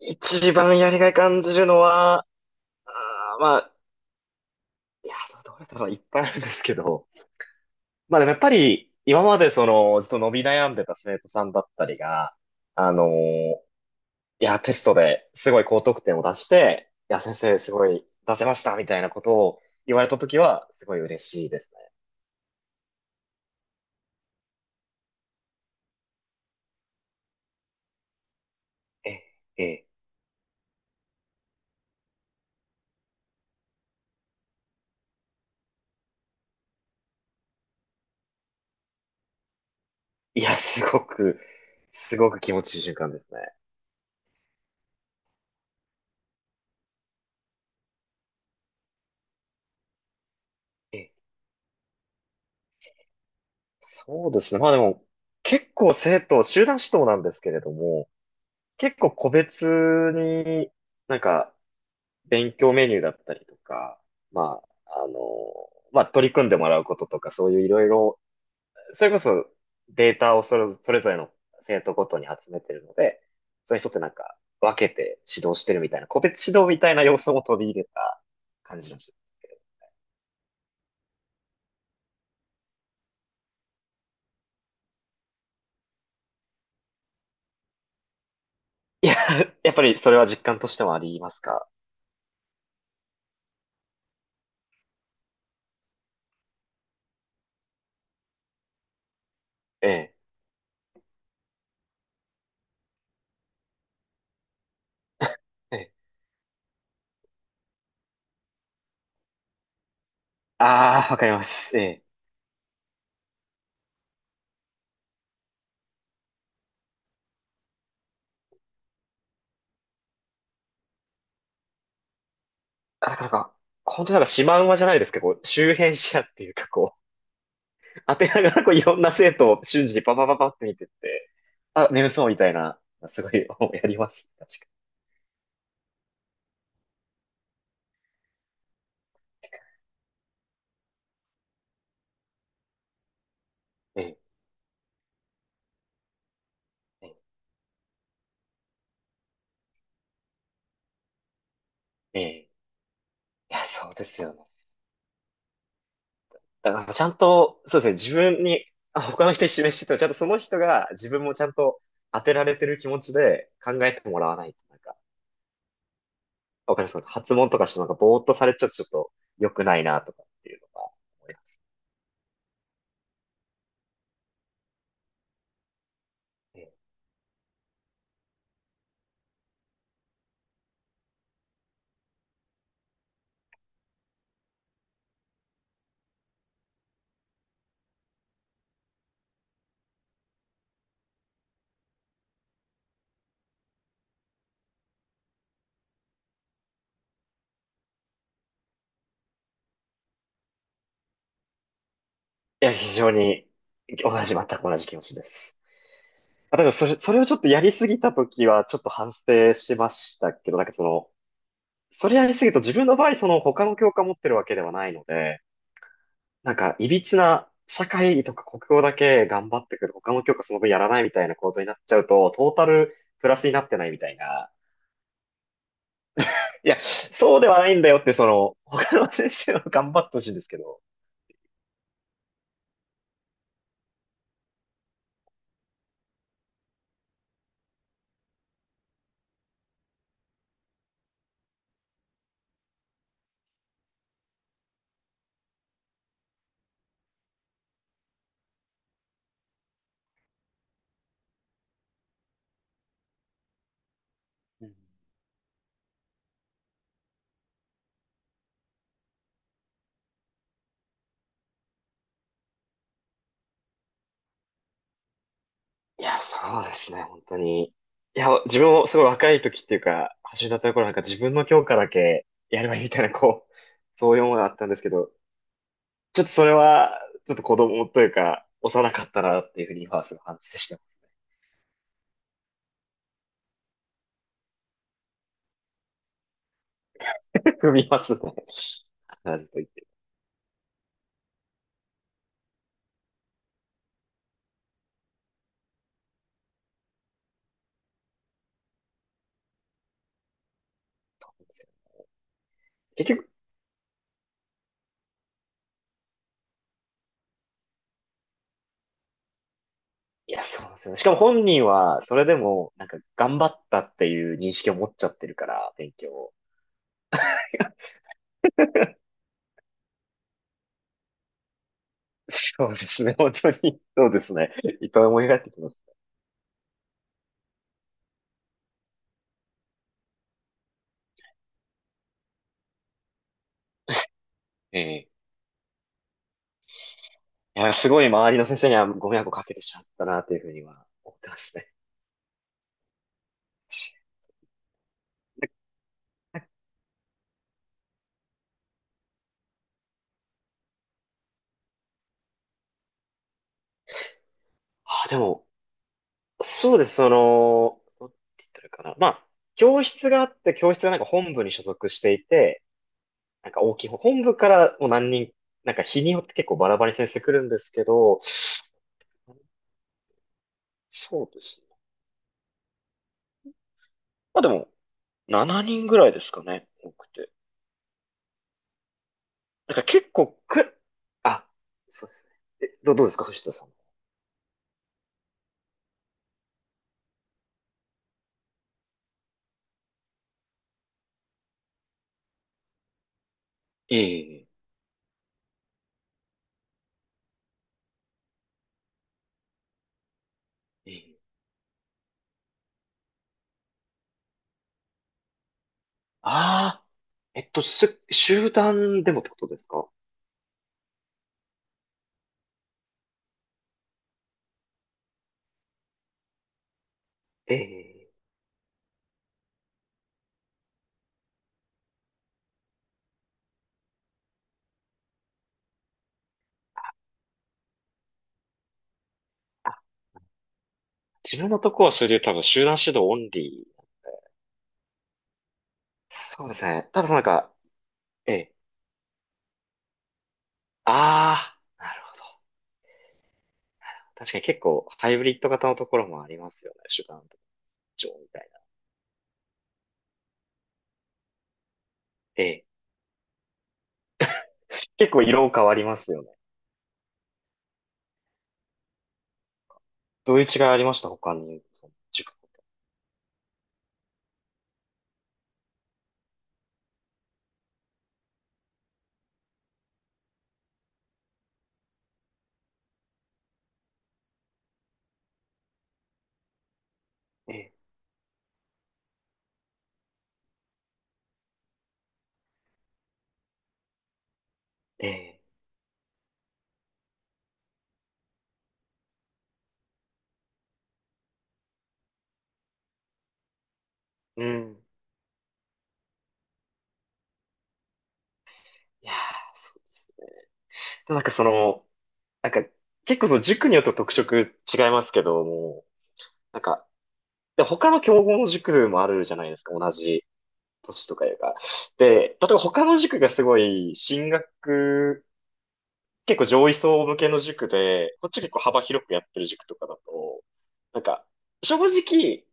一番やりがい感じるのは、あーまあ、いや、どれだろう、いっぱいあるんですけど、まあでもやっぱり、今までその、ずっと伸び悩んでた生徒さんだったりが、あのーいや、テストですごい高得点を出して、いや、先生すごい出せました、みたいなことを言われたときは、すごい嬉しいですね。え、え、いや、すごく、すごく気持ちいい瞬間ですね。えそうですね。まあでも、結構生徒、集団指導なんですけれども、結構個別になんか勉強メニューだったりとか、まあ、まあ取り組んでもらうこととか、そういういろいろ、それこそデータをそれぞれの生徒ごとに集めてるので、それに沿ってなんか分けて指導してるみたいな、個別指導みたいな要素も取り入れた感じの人。いや、やっぱりそれは実感としてもありますか？ええ。ええ。ああ、わかります。ええ。だからなんか、本当になんかシマウマじゃないですけど、こう周辺視野っていうかこう、当てながらこういろんな生徒を瞬時にパパパパって見てって、あ、眠そうみたいな、すごい やります。確かに。ええ、ええ、ええ、いや、そうですよね。だからちゃんと、そうですね、自分に、あ、他の人に示してても、ちゃんとその人が自分もちゃんと当てられてる気持ちで考えてもらわないと、なんか、わかりますか？発問とかしてなんかぼーっとされちゃうとちょっと良くないなとかっていうのが思います。いや、非常に、同じ、全く同じ気持ちです。あ、だからそれをちょっとやりすぎたときは、ちょっと反省しましたけど、なんかその、それやりすぎると自分の場合、その他の教科持ってるわけではないので、なんか、いびつな社会とか国語だけ頑張ってくると、他の教科その分やらないみたいな構造になっちゃうと、トータルプラスになってないみたいな。いや、そうではないんだよって、その、他の先生は頑張ってほしいんですけど。うん、いや、そうですね、本当に。いや、自分もすごい若い時っていうか、始めたところなんか自分の教科だけやればいいみたいな、こう、そういうものがあったんですけど、ちょっとそれは、ちょっと子供というか、幼かったなっていうふうに今はすごい反省してます。踏みますね。必ずと言って。結局、いや、そうなんですよね。しかも本人は、それでも、なんか、頑張ったっていう認識を持っちゃってるから、勉強を。そうですね、本当に。そうですね。いっぱい思い返ってきます。ええ、いや、すごい周りの先生にはご迷惑をかけてしまったな、というふうには思ってますね。あ、でも、そうです、その、どうって言ったらいいかな。まあ、教室があって、教室がなんか本部に所属していて、なんか大きい本部からもう何人、なんか日によって結構バラバラに先生来るんですけど、そうですね。まあでも、7人ぐらいですかね、多くて。なんか結構く、あ、そうですね。どうですか、藤田さん。ええ、ええ。ああ。集団でもってことですか？ええ、あ、自分のとこはそれで多分集団指導オンリー。そうですね。ただなんか、ええ、ああー、なるほど。確かに結構ハイブリッド型のところもありますよね。集団と上みたいな。ええ、結構色変わりますよね。どういう違いありました他に、その塾ごとに。ええ、ええ、うん。いやー、そうですね。でもなんかその、なんか結構その塾によって特色違いますけども、なんか、で、他の競合の塾もあるじゃないですか、同じ年とかいうか。で、例えば他の塾がすごい進学、結構上位層向けの塾で、こっち結構幅広くやってる塾とかだと、なんか、正直、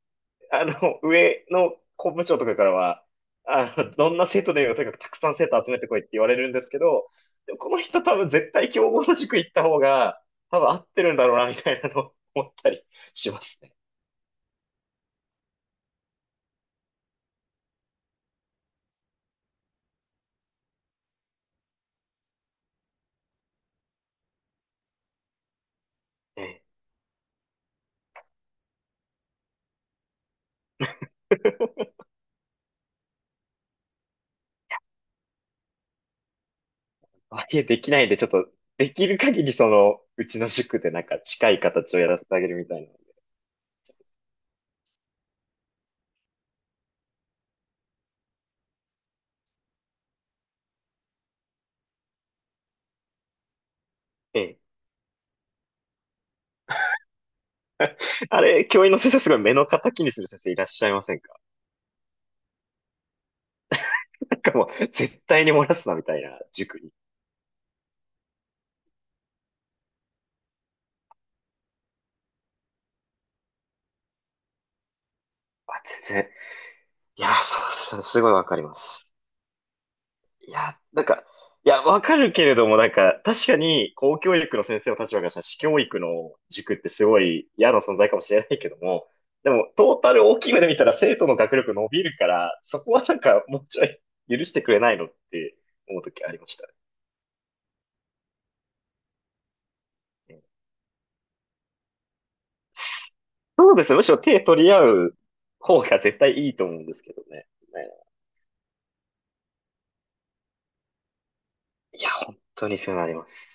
あの、上の校務長とかからは、どんな生徒でもいいよとにかくたくさん生徒集めてこいって言われるんですけど、でもこの人多分絶対競合の塾行った方が、多分合ってるんだろうな、みたいなのを思ったりしますね。ええ、あ、いえ、できないんで、ちょっと、できる限りその、うちの塾でなんか近い形をやらせてあげるみたいなので。ええ。あれ、教員の先生すごい目の敵にする先生いらっしゃいませんか？ なんかもう、絶対に漏らすなみたいな塾に。あ、全然。いや、そう、そうすごいわかります。いや、なんか、いや、わかるけれども、なんか、確かに、公教育の先生の立場からしたら、私教育の塾ってすごい嫌な存在かもしれないけども、でも、トータル大きい目で見たら、生徒の学力伸びるから、そこはなんか、もうちょい許してくれないのって思う時ありましたね。そうですね。むしろ手取り合う方が絶対いいと思うんですけどね。ね、いや、本当にそうなります。